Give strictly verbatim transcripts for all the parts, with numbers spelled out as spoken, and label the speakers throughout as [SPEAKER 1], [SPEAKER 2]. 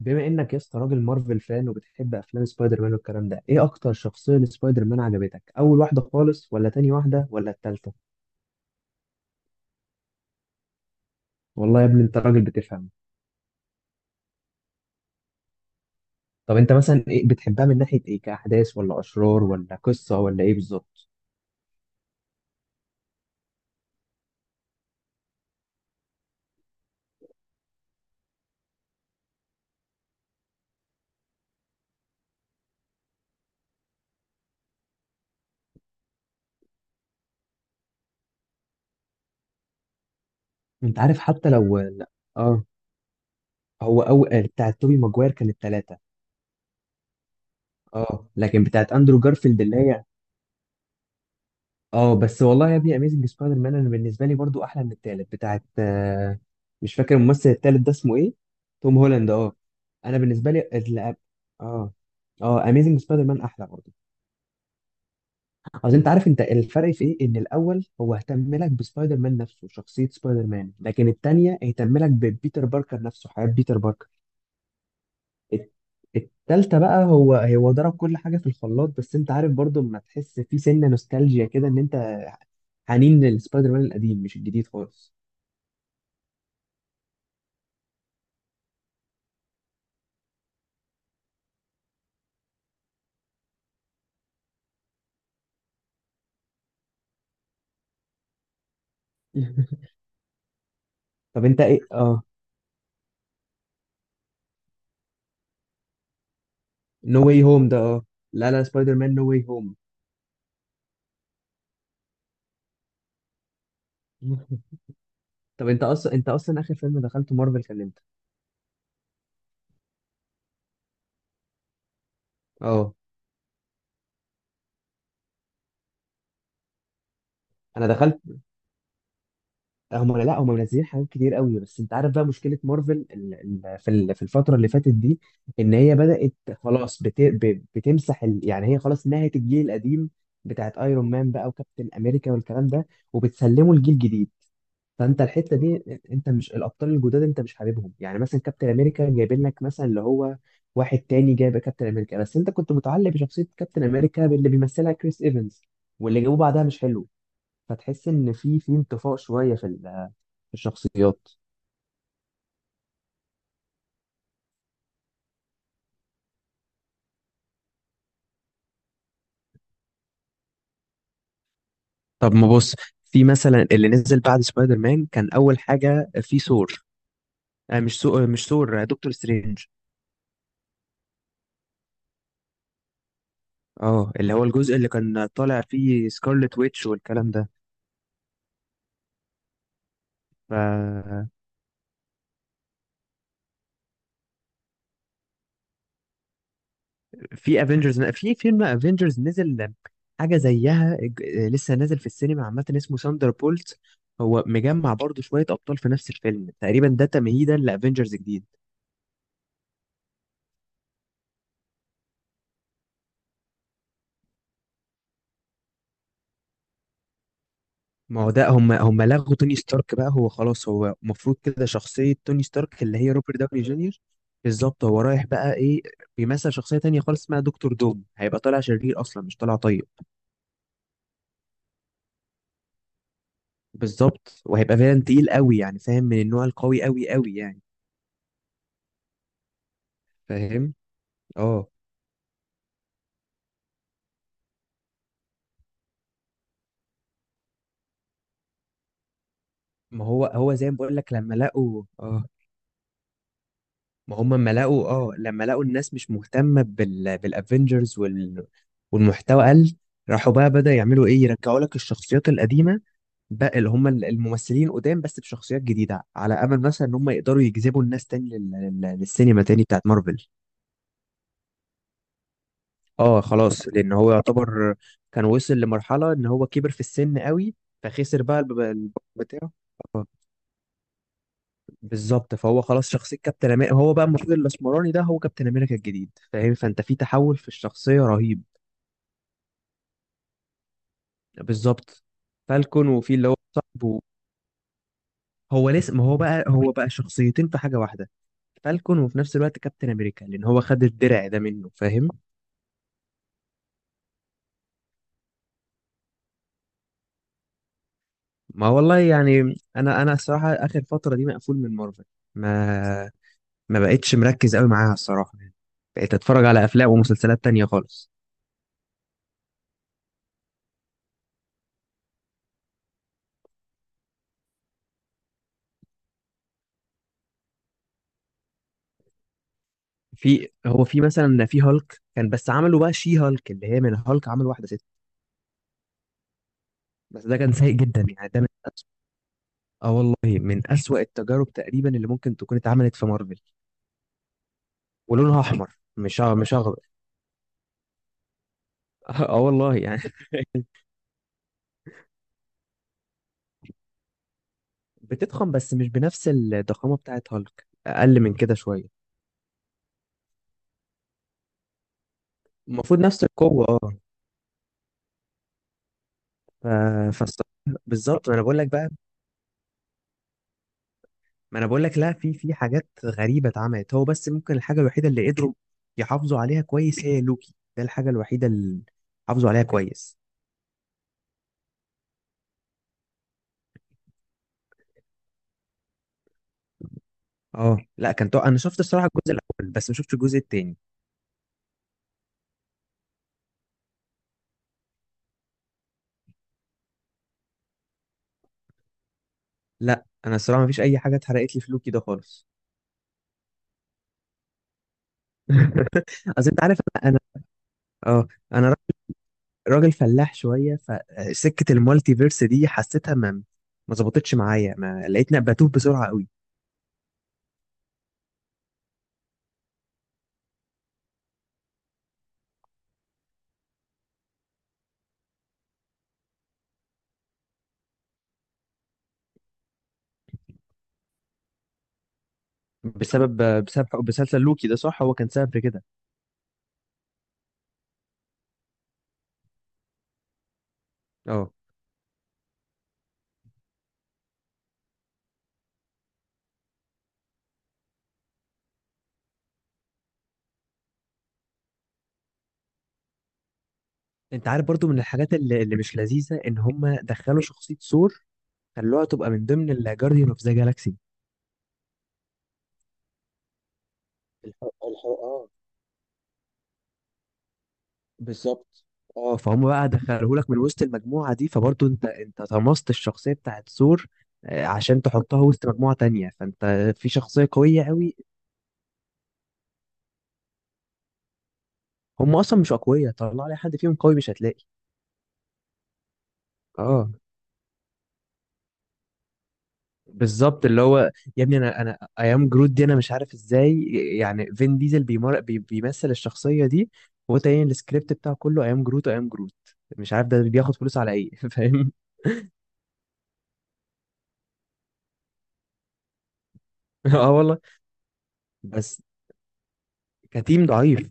[SPEAKER 1] بما انك يا اسطى راجل مارفل فان وبتحب افلام سبايدر مان والكلام ده، ايه اكتر شخصيه لسبايدر مان عجبتك، اول واحده خالص ولا تاني واحده ولا التالتة؟ والله يا ابني انت راجل بتفهم. طب انت مثلا إيه بتحبها، من ناحيه ايه، كاحداث ولا اشرار ولا قصه ولا ايه بالظبط؟ انت عارف حتى لو لا. اه، هو اول بتاعت توبي ماجواير كانت ثلاثه. اه، لكن بتاعت اندرو جارفيلد اللي هي، اه بس والله يا ابني اميزنج سبايدر مان انا بالنسبه لي برضو احلى من التالت بتاعت آه، مش فاكر الممثل التالت ده اسمه ايه. توم هولاند، اه. انا بالنسبه لي ال- اه اه، اميزنج سبايدر مان احلى برضو. اصل انت عارف، انت الفرق في ايه، ان الاول هو اهتم لك بسبايدر مان نفسه، شخصيه سبايدر مان، لكن التانيه اهتم لك ببيتر باركر نفسه، حياه بيتر باركر. الت- التالتة بقى هو هو ضرب كل حاجه في الخلاط، بس انت عارف برضو لما تحس في سنه نوستالجيا كده، ان انت حنين للسبايدر مان القديم، مش الجديد خالص. طب انت ايه، اه. نو واي هوم ده، اه. لا لا، سبايدر مان نو واي هوم. طب انت اصلا انت اصلا اخر فيلم دخلته مارفل كان امتى؟ اه، انا دخلت. هم لا، هم منزلين حاجات كتير قوي، بس انت عارف بقى مشكله مارفل ال... ال... في ال... في الفتره اللي فاتت دي، ان هي بدات خلاص بت... ب... بتمسح ال... يعني هي خلاص نهت الجيل القديم بتاعت ايرون مان بقى، وكابتن امريكا والكلام ده، وبتسلمه الجيل الجديد. فانت الحته دي، انت مش الابطال الجداد، انت مش حاببهم. يعني مثلا كابتن امريكا جايبين لك مثلا اللي هو واحد تاني جايب كابتن امريكا، بس انت كنت متعلق بشخصيه كابتن امريكا، باللي بيمثلها كريس ايفنز، واللي جابوه بعدها مش حلو. فتحس ان في في انطفاء شويه في ال- في الشخصيات. طب ما بص، في مثلا اللي نزل بعد سبايدر مان كان اول حاجه في ثور. آه مش سو... مش ثور، آه، دكتور سترينج. اه، اللي هو الجزء اللي كان طالع فيه سكارلت ويتش والكلام ده. ف في افنجرز في فيلم افنجرز نزل حاجه زيها، ج- لسه نازل في السينما عامه، اسمه ساندر بولت. هو مجمع برضه شويه ابطال في نفس الفيلم تقريبا، ده تمهيدا لافنجرز جديد. ما هو ده هم هم لغوا توني ستارك بقى، هو خلاص، هو المفروض كده شخصيه توني ستارك اللي هي روبرت داوني جونيور. بالظبط، هو رايح بقى ايه، بيمثل شخصيه تانية خالص اسمها دكتور دوم، هيبقى طالع شرير اصلا، مش طالع طيب. بالظبط، وهيبقى فعلا تقيل قوي، يعني فاهم، من النوع القوي قوي قوي يعني. فاهم، اه. ما هو هو زي ما بقول لك لما لقوا، اه ما هم لما لقوا اه لما لقوا الناس مش مهتمه بال بالافنجرز وال... والمحتوى قل. راحوا بقى بدأ يعملوا ايه، يرجعوا لك الشخصيات القديمه بقى، اللي هم ال- الممثلين قدام بس بشخصيات جديده، على امل مثلا ان هم يقدروا يجذبوا الناس تاني لل... لل... للسينما تاني بتاعت مارفل. اه خلاص، لان هو يعتبر كان وصل لمرحله ان هو كبر في السن قوي. فخسر بقى الب- الب- بتاعه. بالظبط، فهو خلاص شخصية كابتن أمريكا، هو بقى المفروض الأسمراني ده هو كابتن أمريكا الجديد، فاهم، فأنت في تحول في الشخصية رهيب. بالظبط. فالكون وفي اللي هو صاحبه، هو لسه، ما هو بقى هو بقى شخصيتين في حاجة واحدة، فالكون وفي نفس الوقت كابتن أمريكا، لأن هو خد الدرع ده منه، فاهم. ما والله يعني، أنا أنا الصراحة آخر فترة دي مقفول من مارفل. ما ما بقتش مركز قوي معاها الصراحة يعني، بقيت أتفرج على أفلام ومسلسلات تانية خالص. في هو في مثلا في هالك، كان بس عملوا بقى شي هالك، اللي هي من هالك عملوا واحده ست. بس ده كان سيء جدا، يعني ده من أسوأ. اه والله، من أسوأ التجارب تقريبا اللي ممكن تكون اتعملت في مارفل. ولونها احمر، مش أ- مش اخضر. اه والله يعني. بتضخم، بس مش بنفس الضخامه بتاعت هالك، اقل من كده شويه. المفروض نفس القوه، اه. ف... فالصراحة- بالظبط، ما انا بقول لك بقى. ما انا بقول لك، لا، في في حاجات غريبه اتعملت، هو بس ممكن الحاجه الوحيده اللي قدروا يحافظوا عليها كويس هي لوكي ده، الحاجه الوحيده اللي حافظوا عليها كويس. اه لا، كان طو... انا شفت الصراحه الجزء الاول، بس ما شفتش الجزء التاني. لا انا الصراحه ما فيش اي حاجه اتحرقت لي في لوكي ده خالص. اصل انت عارف، انا انا اه، انا را- راجل فلاح شويه، فسكه المالتي فيرس دي حسيتها، ما ما ظبطتش معايا، ما لقيتني بتوه بسرعه قوي. بسبب بسبب بسلسل لوكي ده، صح، هو كان سبب في كده. اه، انت عارف برضو من الحاجات اللي, اللي مش لذيذه، ان هم دخلوا شخصيه ثور، خلوها تبقى من ضمن الجارديان اوف ذا جالاكسي. الحق الحق، اه. بالظبط. اه، فهم بقى دخلوهولك من وسط المجموعه دي، فبرضو انت انت طمست الشخصيه بتاعت ثور، آه، عشان تحطها وسط مجموعه تانية، فانت في شخصيه قويه قوي. هم اصلا مش اقوياء، طلع لي حد فيهم قوي، مش هتلاقي. اه بالظبط، اللي هو، يا ابني انا انا ايام جرود دي انا مش عارف ازاي، يعني فين ديزل بيمر... بي... بيمثل الشخصيه دي. هو تاني السكريبت بتاعه كله ايام جروت وايام جروت، مش عارف ده بياخد فلوس على ايه. فاهم. اه والله. بس كتيم ضعيف.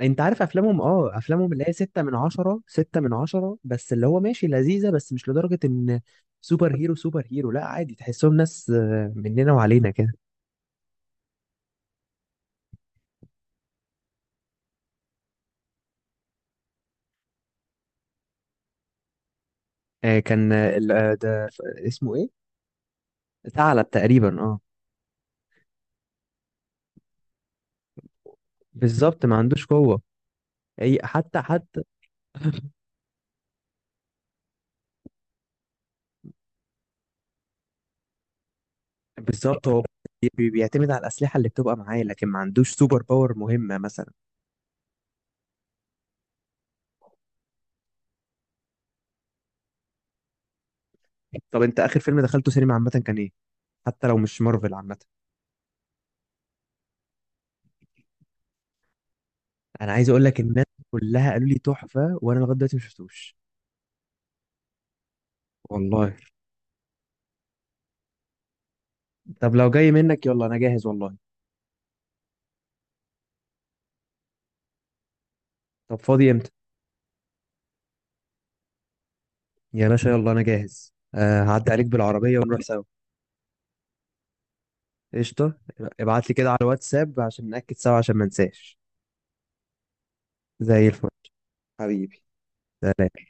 [SPEAKER 1] انت عارف افلامهم، اه افلامهم اللي هي ستة من عشرة، ستة من عشرة بس، اللي هو ماشي لذيذة، بس مش لدرجة ان سوبر هيرو سوبر هيرو، لا، عادي، تحسهم ناس آه، مننا وعلينا كده. آه، كان آه، ال- آه، ده ف- اسمه ايه، ثعلب تقريبا، اه. بالظبط، ما عندوش قوة. اي، حتى حتى. بالظبط، هو بي- بيعتمد على الأسلحة اللي بتبقى معاه، لكن ما عندوش سوبر باور مهمة مثلا. طب انت آخر فيلم دخلته سينما عامة كان ايه، حتى لو مش مارفل عامة؟ انا عايز اقول لك الناس كلها قالوا لي تحفة، وانا لغاية دلوقتي ما شفتوش. والله، طب لو جاي منك يلا، انا جاهز والله. طب فاضي امتى؟ يا باشا يلا انا جاهز، آه هعدي عليك بالعربية ونروح سوا. قشطة. ابعت لي كده على الواتساب عشان نأكد سوا، عشان ما انساش. زي الفل. حبيبي. سلام.